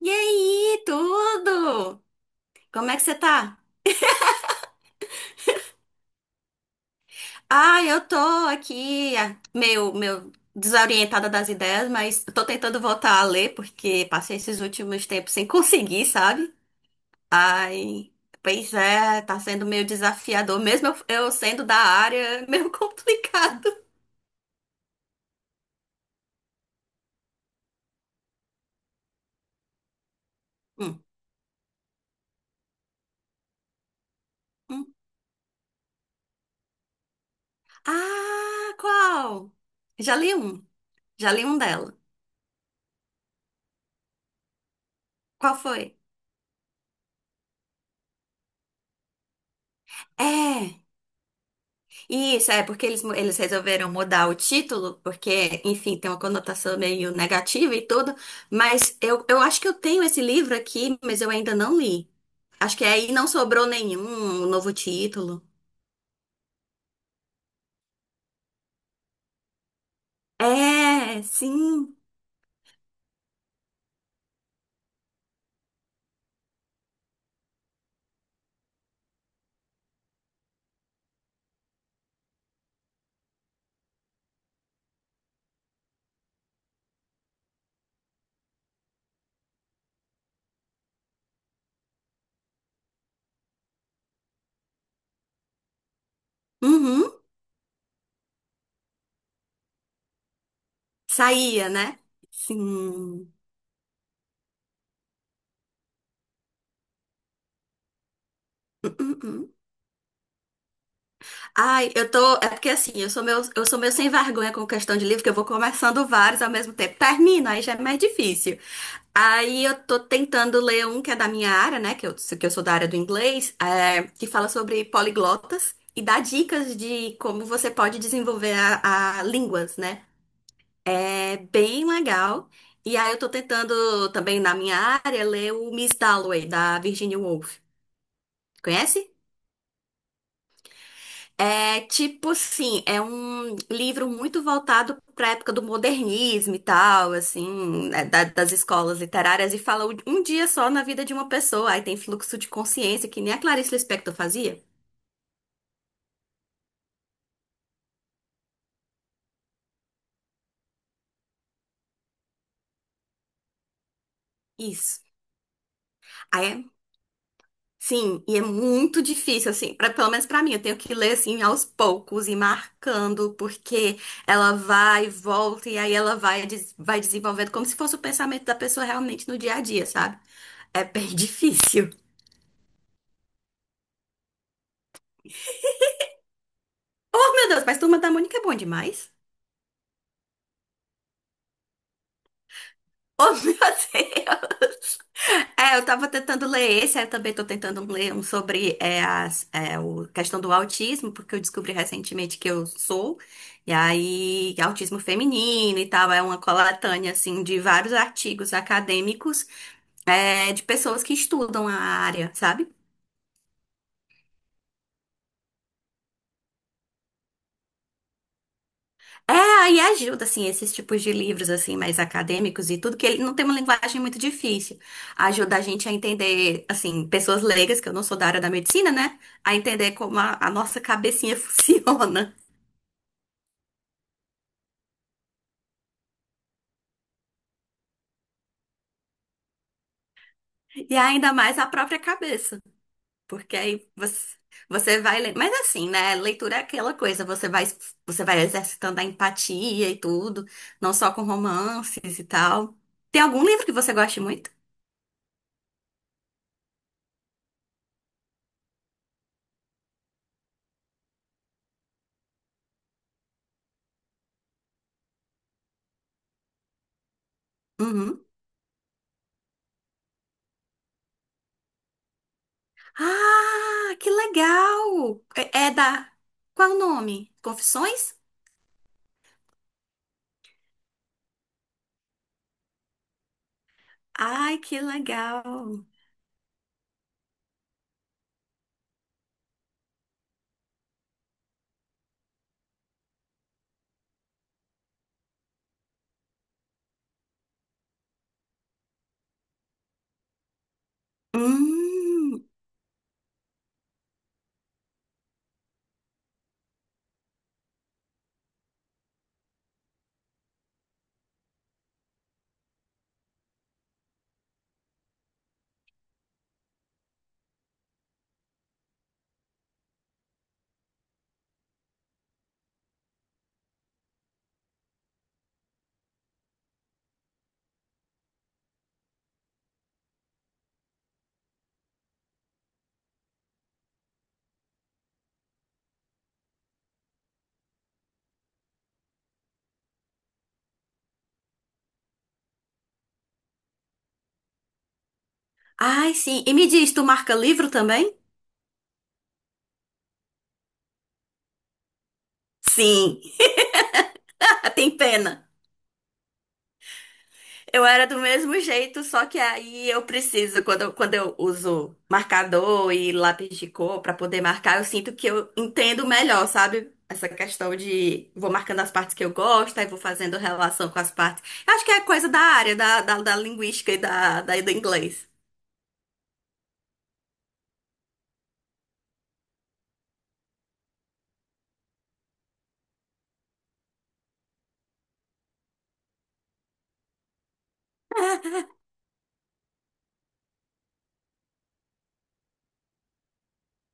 E aí, tudo? Como é que você tá? Eu tô aqui, meio desorientada das ideias, mas tô tentando voltar a ler, porque passei esses últimos tempos sem conseguir, sabe? Ai, pois é, tá sendo meio desafiador, mesmo eu sendo da área, é meio complicado. Hum, hum. Ah, qual? Já li um, já li um dela. Qual foi? É. Isso, é porque eles, eles resolveram mudar o título, porque, enfim, tem uma conotação meio negativa e tudo, mas eu acho que eu tenho esse livro aqui, mas eu ainda não li. Acho que aí não sobrou nenhum novo título. É, sim. Uhum. Saía, né? Sim. Hum, hum, hum. Ai, eu tô. É porque assim, eu sou meio sem vergonha com questão de livro, que eu vou começando vários ao mesmo tempo. Termino, aí já é mais difícil. Aí eu tô tentando ler um que é da minha área, né? Que eu sou da área do inglês, é, que fala sobre poliglotas e dá dicas de como você pode desenvolver a línguas, né? É bem legal. E aí eu tô tentando também na minha área ler o Miss Dalloway, da Virginia Woolf. Conhece? É tipo assim, é um livro muito voltado para a época do modernismo e tal, assim, né, das escolas literárias, e fala um dia só na vida de uma pessoa. Aí tem fluxo de consciência, que nem a Clarice Lispector fazia. Isso. Aí é, sim, e é muito difícil, assim, pra, pelo menos pra mim, eu tenho que ler, assim, aos poucos e marcando, porque ela vai e volta, e aí ela vai, vai desenvolvendo como se fosse o pensamento da pessoa realmente no dia a dia, sabe? É bem difícil. Oh, meu Deus, mas Turma da Mônica é bom demais. Oh, meu Deus. É, eu tava tentando ler esse, aí eu também tô tentando ler um sobre questão do autismo, porque eu descobri recentemente que eu sou, e aí autismo feminino e tal, é uma coletânea, assim, de vários artigos acadêmicos, é, de pessoas que estudam a área, sabe? É, aí ajuda, assim, esses tipos de livros, assim, mais acadêmicos e tudo, que ele não tem uma linguagem muito difícil. Ajuda a gente a entender, assim, pessoas leigas, que eu não sou da área da medicina, né? A entender como a nossa cabecinha funciona. E ainda mais a própria cabeça. Porque aí você, você vai lendo. Mas assim, né? Leitura é aquela coisa, você vai exercitando a empatia e tudo, não só com romances e tal. Tem algum livro que você goste muito? Uhum. Ah, que legal! É, é da. Qual o nome? Confissões? Ai, que legal! Hum. Ai, sim. E me diz, tu marca livro também? Sim. Tem pena. Eu era do mesmo jeito, só que aí eu preciso, quando, quando eu uso marcador e lápis de cor pra poder marcar, eu sinto que eu entendo melhor, sabe? Essa questão de vou marcando as partes que eu gosto, aí vou fazendo relação com as partes. Eu acho que é coisa da área, da linguística e do inglês.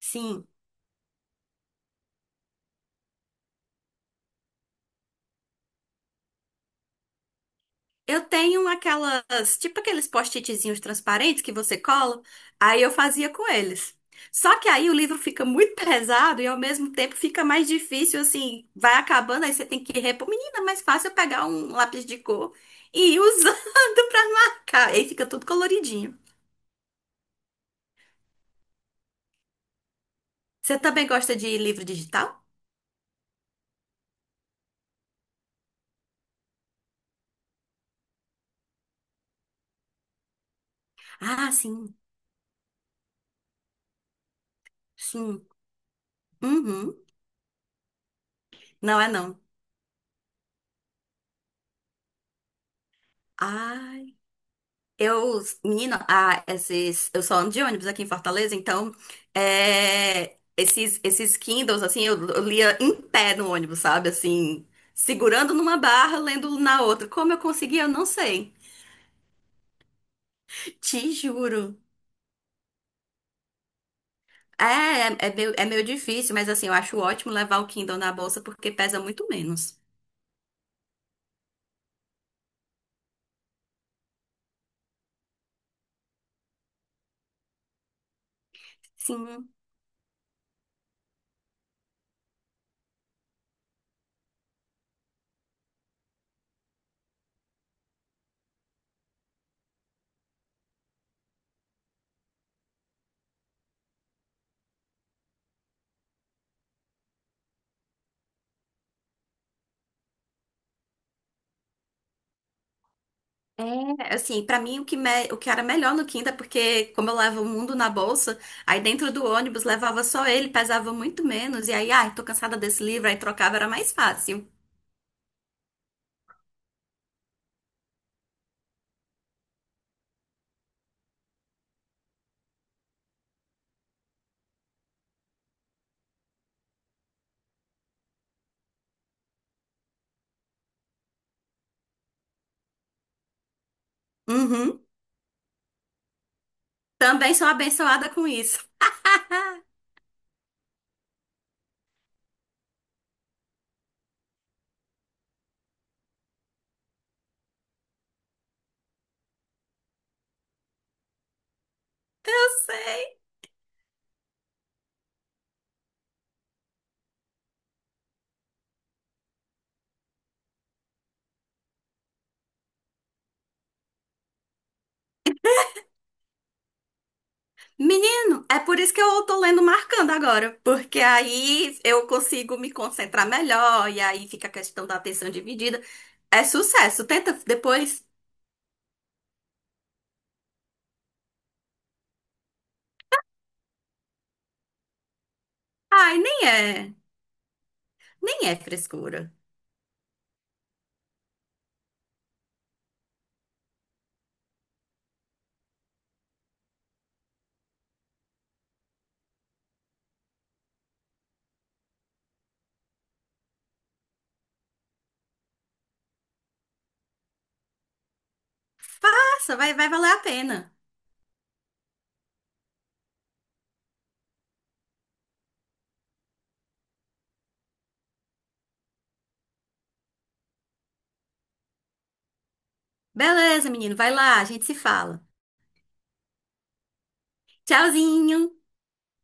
Sim. Eu tenho aquelas, tipo aqueles post-itzinhos transparentes que você cola, aí eu fazia com eles. Só que aí o livro fica muito pesado e ao mesmo tempo fica mais difícil, assim, vai acabando, aí você tem que repor. Menina, é mais fácil eu pegar um lápis de cor e ir usando pra marcar. Aí fica tudo coloridinho. Você também gosta de livro digital? Ah, sim, sim. Uhum. Não é não. Ah. Eu, menina, eu só ando de ônibus aqui em Fortaleza, então é, esses Kindles, assim, eu lia em pé no ônibus, sabe? Assim, segurando numa barra, lendo na outra. Como eu conseguia, eu não sei. Te juro. É, é, é meio difícil, mas assim, eu acho ótimo levar o Kindle na bolsa porque pesa muito menos. Sim. É, assim, pra mim o que, o que era melhor no Kindle é porque, como eu levo o mundo na bolsa, aí dentro do ônibus levava só ele, pesava muito menos, e aí, ai, tô cansada desse livro, aí trocava, era mais fácil. Uhum. Também sou abençoada com isso. Eu sei. Menino, é por isso que eu tô lendo marcando agora, porque aí eu consigo me concentrar melhor, e aí fica a questão da atenção dividida. É sucesso, tenta depois. Ai, nem é frescura. Faça, vai, vai valer a pena. Beleza, menino, vai lá, a gente se fala. Tchauzinho!